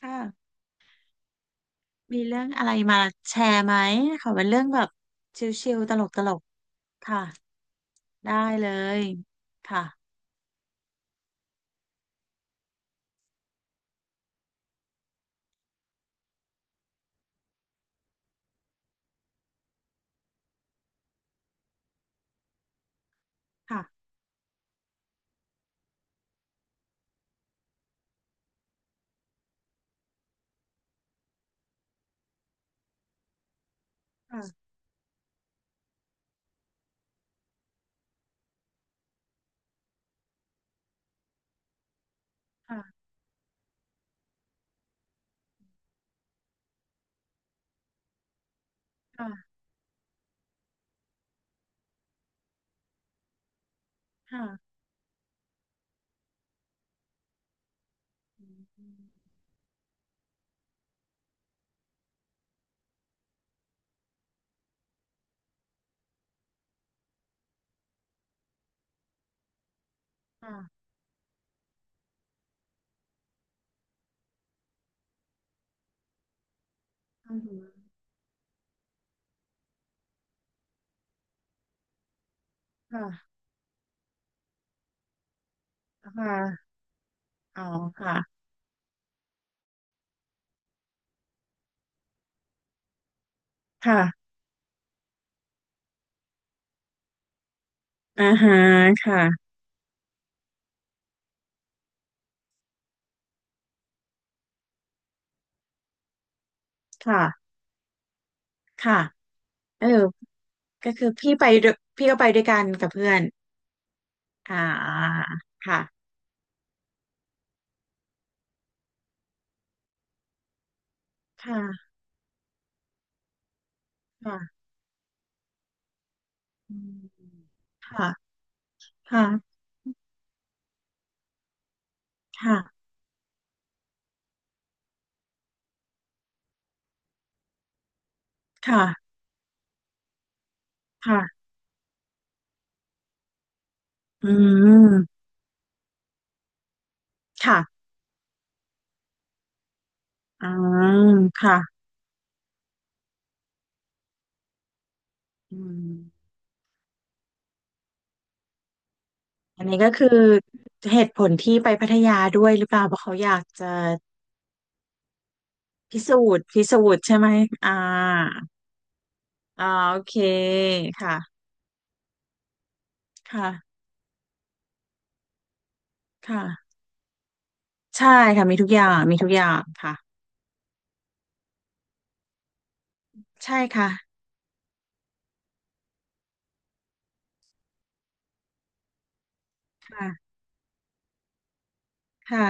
ค่ะมีเรื่องอะไรมาแชร์ไหมขอเป็นเรื่องแบบชิลๆตลกๆค่ะได้เลยค่ะค่ะค่ะค่ะค่ะค่ะอืมค่ะอือหือค่ะค่ะอ๋อค่ะค่ะอ่าฮะค่ะค่ะค่ะเออก็คือพี่ไปด้วยพี่ก็ไปด้วยกันกับเพื่อนอ่าค่ะค่ะค่ะอืมค่ะค่ะค่ะค่ะค่ะอืมค่ะ อืมค่ะอืมอันนี้ก็คือเหตุผลที่ไปพัทยาด้วยหรือเปล่าเพราะเขาอยากจะพิสูจน์พิสูจน์ใช่ไหมอ่าอ่าโอเคค่ะ ค่ะ ค่ะ ใช่ค่ะ มีทุกอย่าง มีทุกอย่างค่ะ ใช่ค่ะ ค่ะ ค่ะ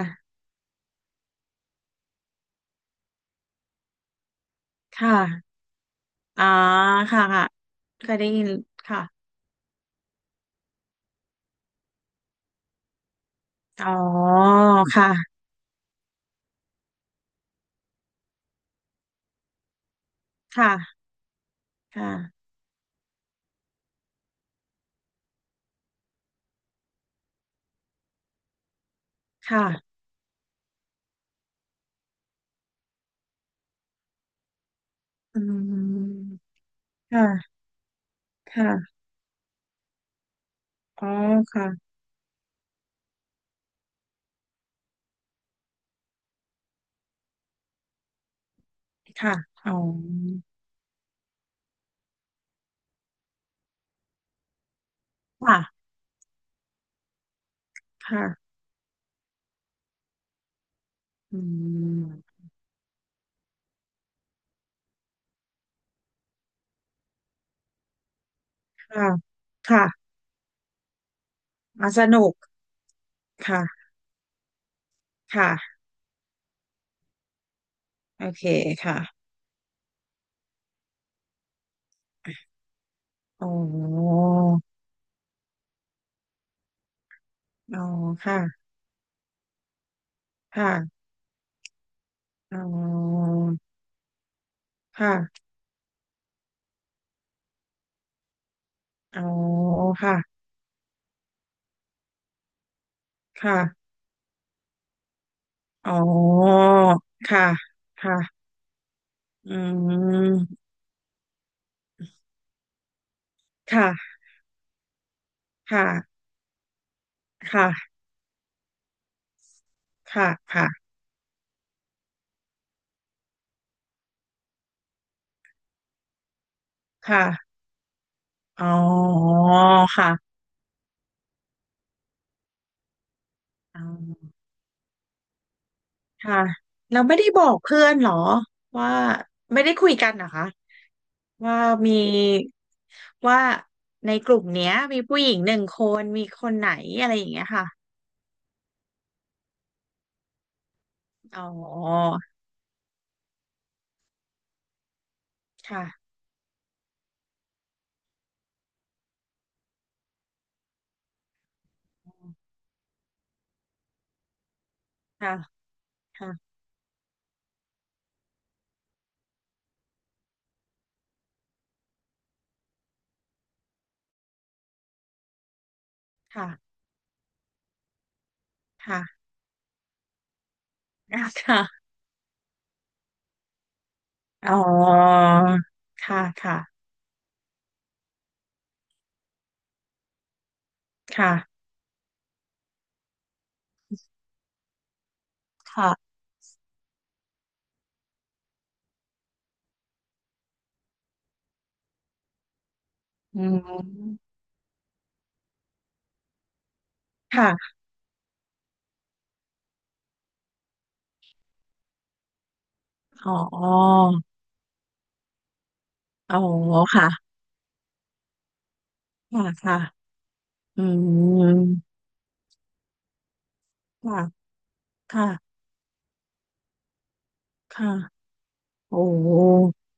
ค่ะอ่าค่ะค่ะเคยได้ยินค่ะ อ๋อค่ะ ค่ะ ค่ะค่ะอืมค่ะค่ะ อ๋อค่ะค่ะอ๋อ ค่ะค่ะ อืมค่ะค่ะอ่ะสนุกค่ะค่ะโอเคค่ะอ๋ออ๋อค่ะค่ะอ๋อค่ะอ๋อค่ะค่ะอ๋อค่ะค่ะอืมค่ะค่ะค่ะค่ะค่ะค่ะอ๋อค่ะอ๋อค่ะเราไม่ได้บอกเพื่อนเหรอว่าไม่ได้คุยกันเหรอคะ ว่ามีว่าในกลุ่มเนี้ยมีผู้หญิงหนึ่งคนมีคนไหนอะไรอย่างเงี้ยค่ะอ๋อค่ะค่ะค่ะค่ะค่ะค่ะอ๋อค่ะค่ะค่ะค่ะอืมค่ะอ๋ออ๋อค่ะค่ะค่ะอืมค่ะค่ะค่ะโอ้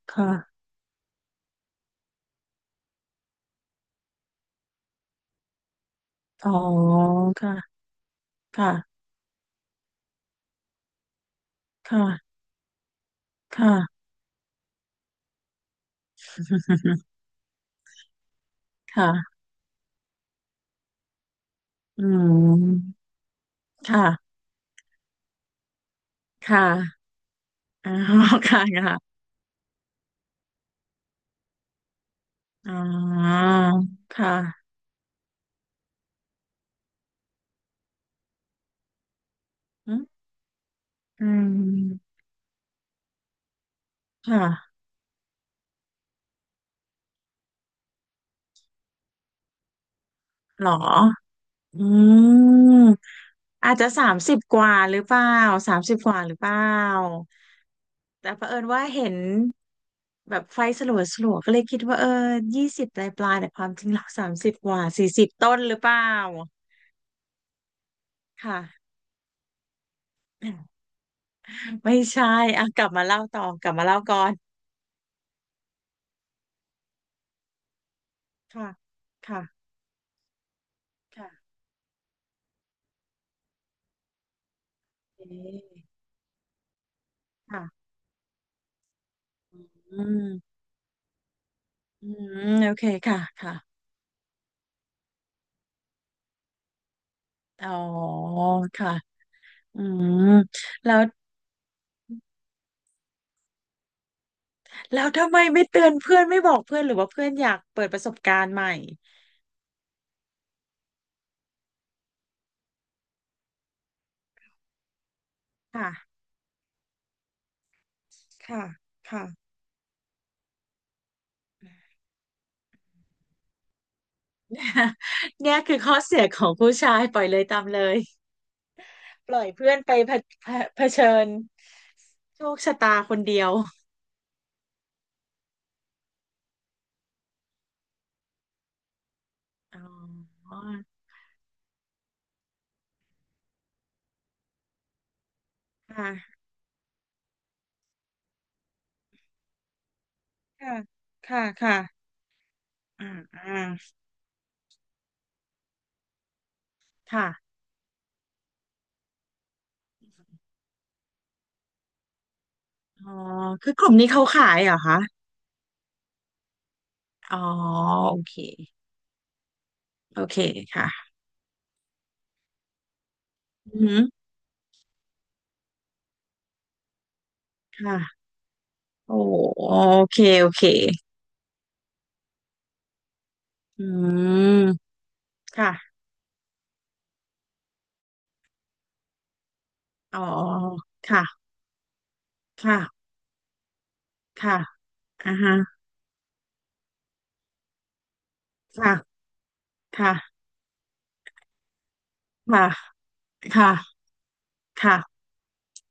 ค่ะอ๋อค่ะค่ะค่ะค่ะค่ะ อืมค่ะค่ะอ๋อ ค่ะ ค่ะอ๋อค่ะอืมอืมค่ะหรออืมอาจจะสามสิบกว่าหรือเปล่าสามสิบกว่าหรือเปล่าแต่เผอิญว่าเห็นแบบไฟสลัวสลัวก็เลยคิดว่าเออยี่สิบปลายปลายแต่ความจริงหลักสามสิบกว่าสี่สิบต้นหรือเปล่าค่ะ ไม่ใช่อ่ะกลับมาเล่าต่อกลับมาเล่าก่อนค่ะค่ะค่ะเอ๊ะค่ะ อืมอืมโอเคค่ะค่ะอ๋อค่ะอืมแล้วแล้วทำไมไม่เตือนเพื่อนไม่บอกเพื่อนหรือว่าเพื่อนอยากเปิดประสบการณ์ใหม่ค่ะค่ะค่ะ เนี่ยคือข้อเสียของผู้ชายปล่อยเลยตามเลยปล่อยเพื่อนไปเผเผเผชิญโชคชะตาคนเดียวอ๋อค่ะค่ะค่ะค่ะอ่าอ่าค่ะอ๋อคือกลุ่มนี้เขาขายเหรอคะอ๋อโอเค โอเคค่ะอือหือค่ะโอ้โอเคโอเคอืมค่ะอ๋อค่ะค่ะค่ะอ่าฮะค่ะค่ะค่ะค่ะค่ะ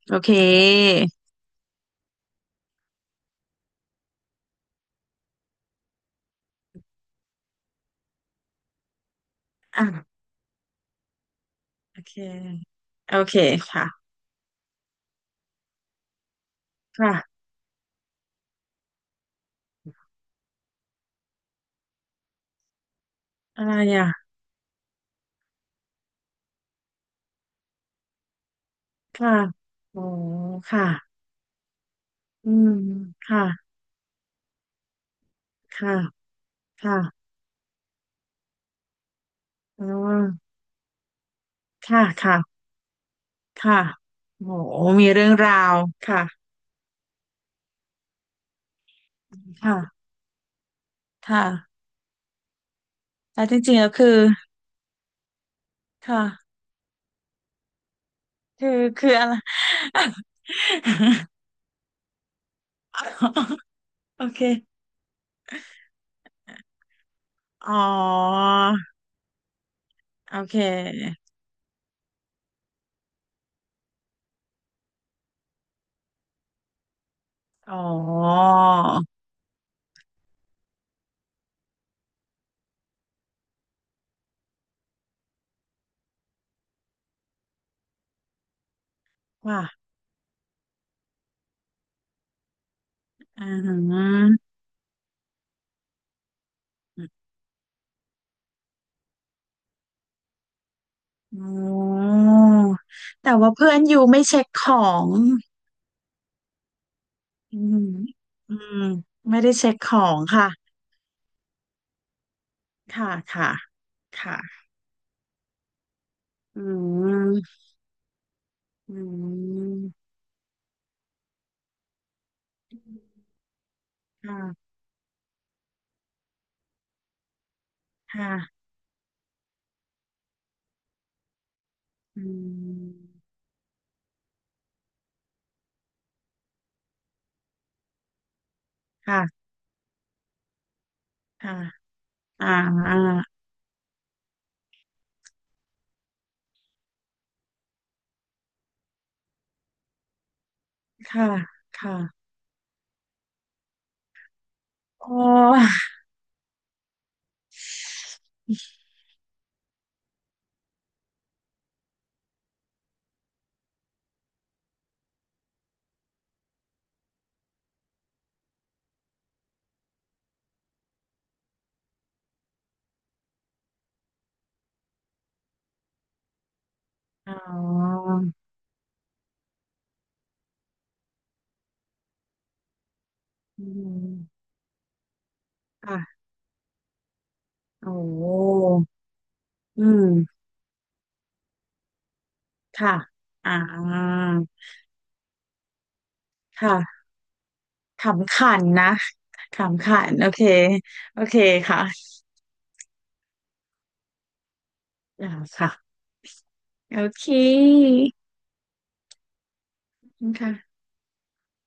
โอเคอ่ะโอเคโอเคค่ะค่ะอะไรอ่ะค่ะโอ้ค่ะอืมค่ะค่ะค่ะอ๋อค่ะค่ะค่ะโอ้มีเรื่องราวค่ะค่ะค่ะแต่จริงๆแล้วคือ ค่ะคือ คืออะไร โอเค อ๋อโอเคอ๋อว่าอืมอ๋อ แต่ว่าเพื่อนยูไม่เช็คของอืมอืมไม่ได้เช็คของค่ะค่ะค่ะค่ะอืมอืมค่ะค่ะอืมค่ะค่ะอ่าค่ะค่ะโอ้ อ๋ออืมค่ะโอ้อืมค่ะอ่าค่ะขำขันนะขำขันโอเค โอเคค่ะอ่าค่ะโอเคขอบคุณค่ะ